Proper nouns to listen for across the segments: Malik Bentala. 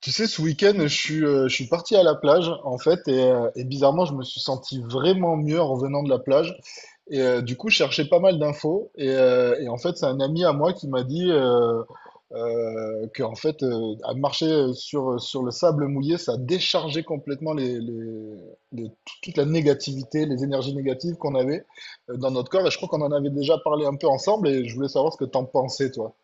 Tu sais, ce week-end, je suis parti à la plage, en fait, et bizarrement, je me suis senti vraiment mieux en revenant de la plage. Et du coup, je cherchais pas mal d'infos. Et en fait, c'est un ami à moi qui m'a dit que, en fait, à marcher sur le sable mouillé, ça déchargeait complètement les- toute la négativité, les énergies négatives qu'on avait dans notre corps. Et je crois qu'on en avait déjà parlé un peu ensemble, et je voulais savoir ce que t'en pensais, toi.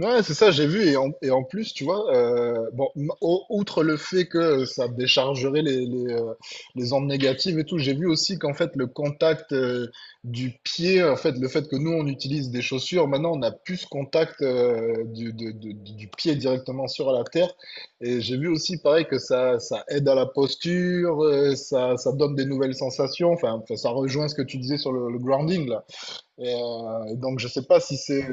Ouais, c'est ça, j'ai vu. Et en plus, tu vois, outre le fait que ça déchargerait les ondes négatives et tout, j'ai vu aussi qu'en fait, le contact du pied, en fait, le fait que nous, on utilise des chaussures, maintenant, on a plus ce contact du, de- du pied directement sur la terre. Et j'ai vu aussi, pareil, que ça aide à la posture, ça donne des nouvelles sensations. Enfin, ça rejoint ce que tu disais sur le grounding, là. Donc, je sais pas si c'est.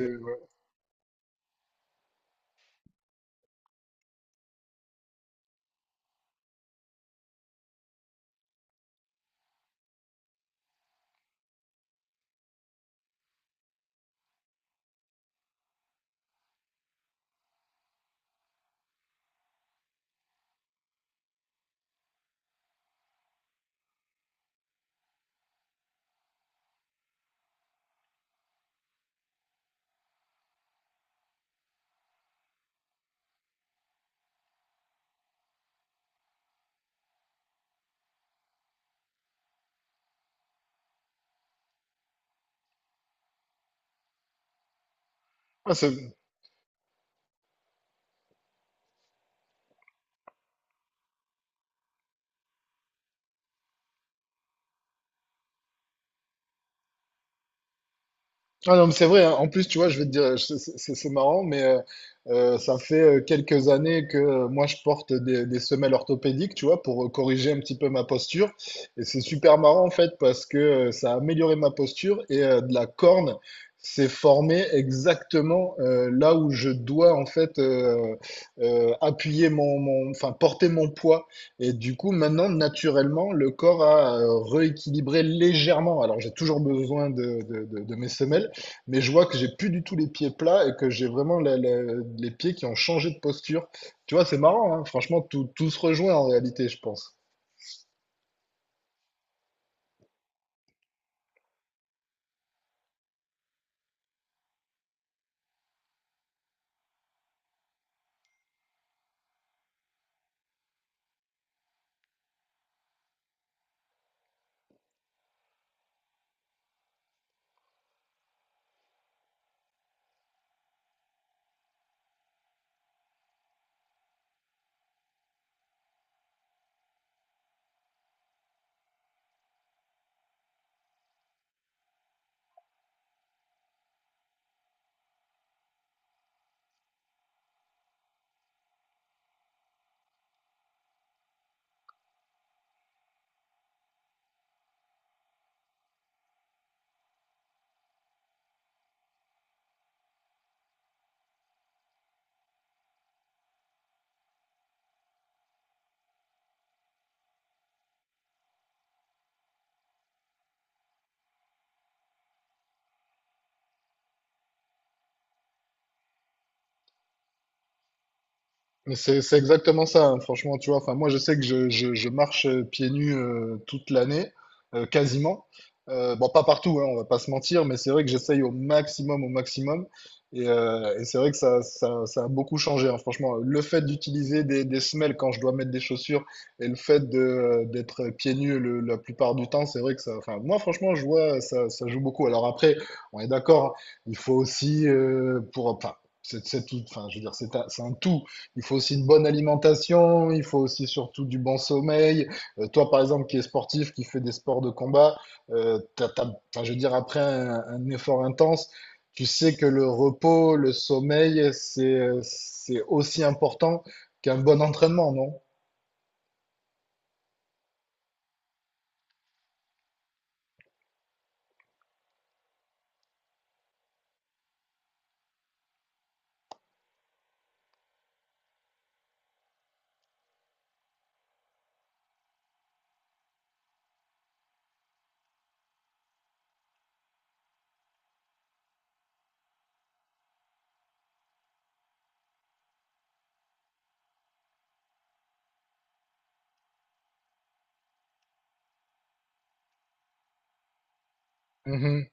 Ah, c'est- Ah non, mais c'est vrai, hein. En plus, tu vois, je vais te dire, c'est marrant, ça fait quelques années que moi, je porte des semelles orthopédiques, tu vois, pour corriger un petit peu ma posture. Et c'est super marrant, en fait, parce que ça a amélioré ma posture et de la corne s'est formée exactement là où je dois, en fait, appuyer enfin, porter mon poids. Et du coup, maintenant, naturellement, le corps a rééquilibré légèrement. Alors, j'ai toujours besoin de mes semelles, mais je vois que j'ai plus du tout les pieds plats et que j'ai vraiment les pieds qui ont changé de posture. Tu vois, c'est marrant, hein. Franchement, tout se rejoint en réalité, je pense. Mais c'est exactement ça, hein, franchement, tu vois. Enfin, moi, je sais que je marche pieds nus toute l'année, quasiment. Bon, pas partout, hein, on va pas se mentir, mais c'est vrai que j'essaye au maximum, au maximum. Et c'est vrai que ça a beaucoup changé, hein, franchement. Le fait d'utiliser des semelles quand je dois mettre des chaussures et le fait d'être pieds nus la plupart du temps, c'est vrai que ça, enfin, moi, franchement, je vois, ça joue beaucoup. Alors après, on est d'accord, il faut aussi, enfin, c'est tout, enfin, je veux dire, c'est un tout. Il faut aussi une bonne alimentation, il faut aussi surtout du bon sommeil. Toi, par exemple, qui est sportif, qui fait des sports de combat, euh, t'as- t'as- enfin, je veux dire, après un effort intense, tu sais que le repos, le sommeil, c'est aussi important qu'un bon entraînement, non? Mhm.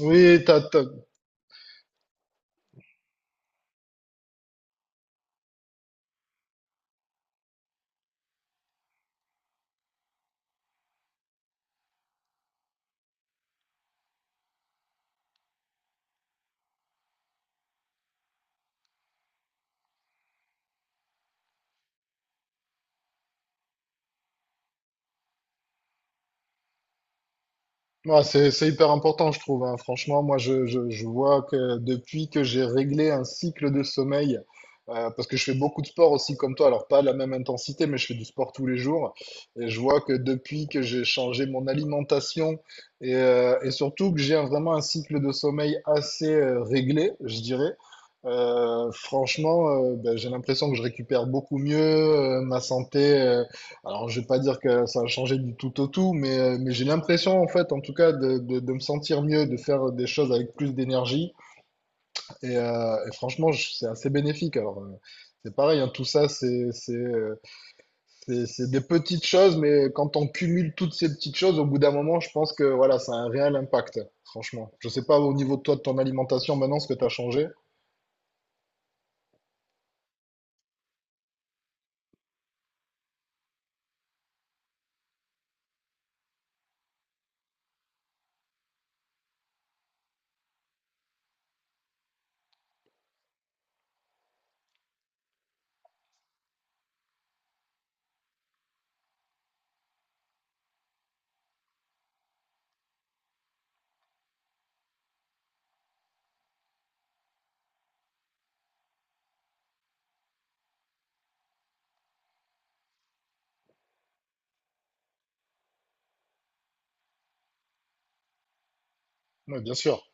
Oui, Ouais, c'est hyper important, je trouve, hein. Franchement, moi, je vois que depuis que j'ai réglé un cycle de sommeil, parce que je fais beaucoup de sport aussi comme toi, alors pas à la même intensité, mais je fais du sport tous les jours. Et je vois que depuis que j'ai changé mon alimentation et surtout que j'ai vraiment un cycle de sommeil assez réglé, je dirais, franchement, j'ai l'impression que je récupère beaucoup mieux, ma santé. Alors, je vais pas dire que ça a changé du tout au tout, mais j'ai l'impression, en fait, en tout cas, de me sentir mieux, de faire des choses avec plus d'énergie. Et franchement, c'est assez bénéfique. Alors, c'est pareil, hein, tout ça, c'est des petites choses, mais quand on cumule toutes ces petites choses, au bout d'un moment, je pense que voilà, ça a un réel impact, franchement. Je sais pas au niveau de toi, de ton alimentation, maintenant, ce que tu as changé. Oui, bien sûr.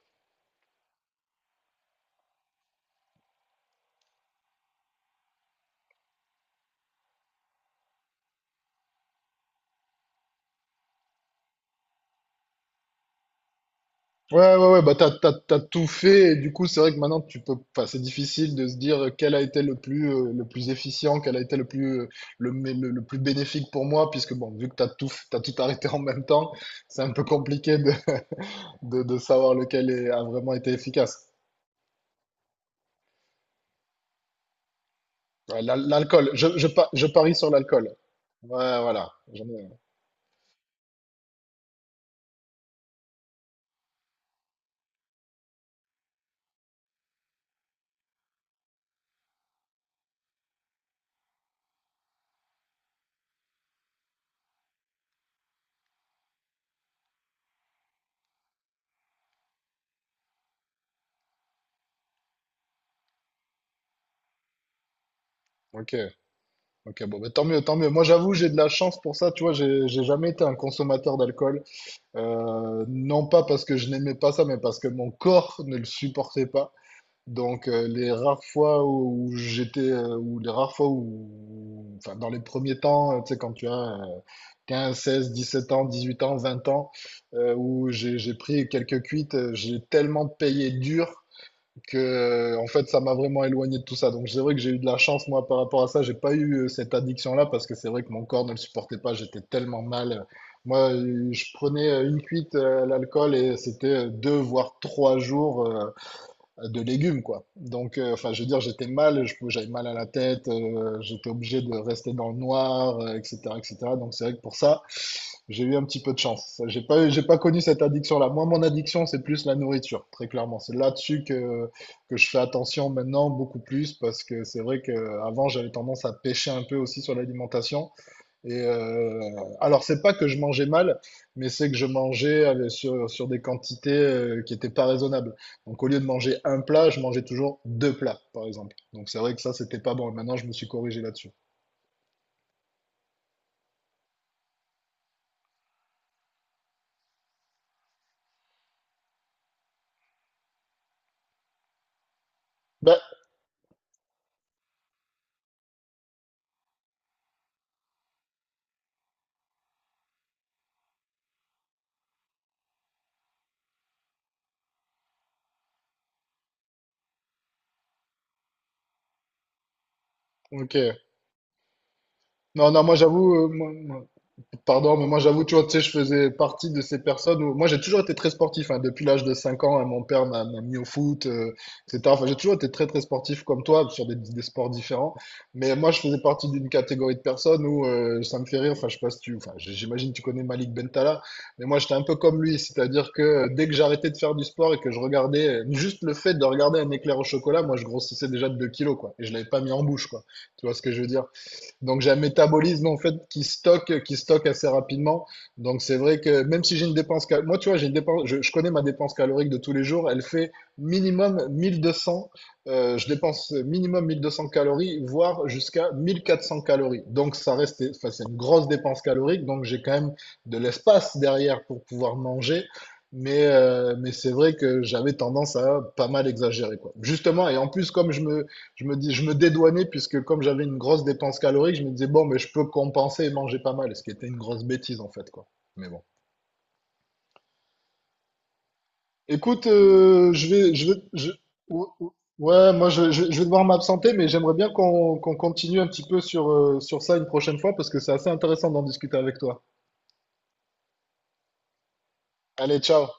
Ouais, ouais, ouais, bah t'as tout fait, et du coup, c'est vrai que maintenant, tu peux, enfin, c'est difficile de se dire quel a été le plus efficient, quel a été le plus, le plus bénéfique pour moi, puisque bon, vu que t'as tout, t'as tout arrêté en même temps, c'est un peu compliqué de savoir lequel a vraiment été efficace. Ouais, l'alcool, je parie sur l'alcool. Ouais, voilà. Ok, ok, bon, bah, tant mieux, tant mieux. Moi, j'avoue, j'ai de la chance pour ça, tu vois, j'ai jamais été un consommateur d'alcool. Non pas parce que je n'aimais pas ça, mais parce que mon corps ne le supportait pas. Donc les rares fois où j'étais, ou les rares fois où, enfin dans les premiers temps, tu sais, quand tu as 15, 16, 17 ans, 18 ans, 20 ans, où j'ai pris quelques cuites, j'ai tellement payé dur que en fait ça m'a vraiment éloigné de tout ça. Donc c'est vrai que j'ai eu de la chance moi par rapport à ça, j'ai pas eu cette addiction-là parce que c'est vrai que mon corps ne le supportait pas, j'étais tellement mal. Moi, je prenais une cuite à l'alcool et c'était 2 voire 3 jours de légumes quoi. Donc enfin je veux dire j'étais mal, j'avais mal à la tête, j'étais obligé de rester dans le noir, etc., etc. Donc c'est vrai que pour ça j'ai eu un petit peu de chance. J'ai pas connu cette addiction-là. Moi, mon addiction, c'est plus la nourriture, très clairement. C'est là-dessus que je fais attention maintenant, beaucoup plus, parce que c'est vrai qu'avant, j'avais tendance à pêcher un peu aussi sur l'alimentation. Et alors, c'est pas que je mangeais mal, mais c'est que je mangeais sur des quantités qui n'étaient pas raisonnables. Donc, au lieu de manger un plat, je mangeais toujours deux plats, par exemple. Donc, c'est vrai que ça, c'était pas bon. Et maintenant, je me suis corrigé là-dessus. Bah, ok. Non, non, moi, j'avoue, Pardon, mais moi j'avoue, tu vois, tu sais, je faisais partie de ces personnes où moi j'ai toujours été très sportif, hein. Depuis l'âge de 5 ans, hein, mon père m'a mis au foot, etc. Enfin, j'ai toujours été très très sportif comme toi sur des sports différents. Mais moi je faisais partie d'une catégorie de personnes où ça me fait rire. Enfin, je sais pas si tu, enfin, j'imagine que tu connais Malik Bentala, mais moi j'étais un peu comme lui, c'est-à-dire que dès que j'arrêtais de faire du sport et que je regardais juste le fait de regarder un éclair au chocolat, moi je grossissais déjà de 2 kilos quoi, et je l'avais pas mis en bouche quoi. Tu vois ce que je veux dire? Donc j'ai un métabolisme en fait qui stocke assez rapidement. Donc c'est vrai que même si j'ai une dépense, moi tu vois, j'ai une dépense, je connais ma dépense calorique de tous les jours, elle fait minimum 1 200. Je dépense minimum 1 200 calories, voire jusqu'à 1 400 calories. Donc ça reste, enfin c'est une grosse dépense calorique. Donc j'ai quand même de l'espace derrière pour pouvoir manger. Mais c'est vrai que j'avais tendance à pas mal exagérer, quoi. Justement, et en plus, comme je me dédouanais puisque comme j'avais une grosse dépense calorique, je me disais bon, mais je peux compenser et manger pas mal, ce qui était une grosse bêtise en fait, quoi. Mais bon. Écoute, je vais, je vais, je- ou- ouais, moi je vais devoir m'absenter, mais j'aimerais bien qu'on continue un petit peu sur ça une prochaine fois parce que c'est assez intéressant d'en discuter avec toi. Allez, ciao.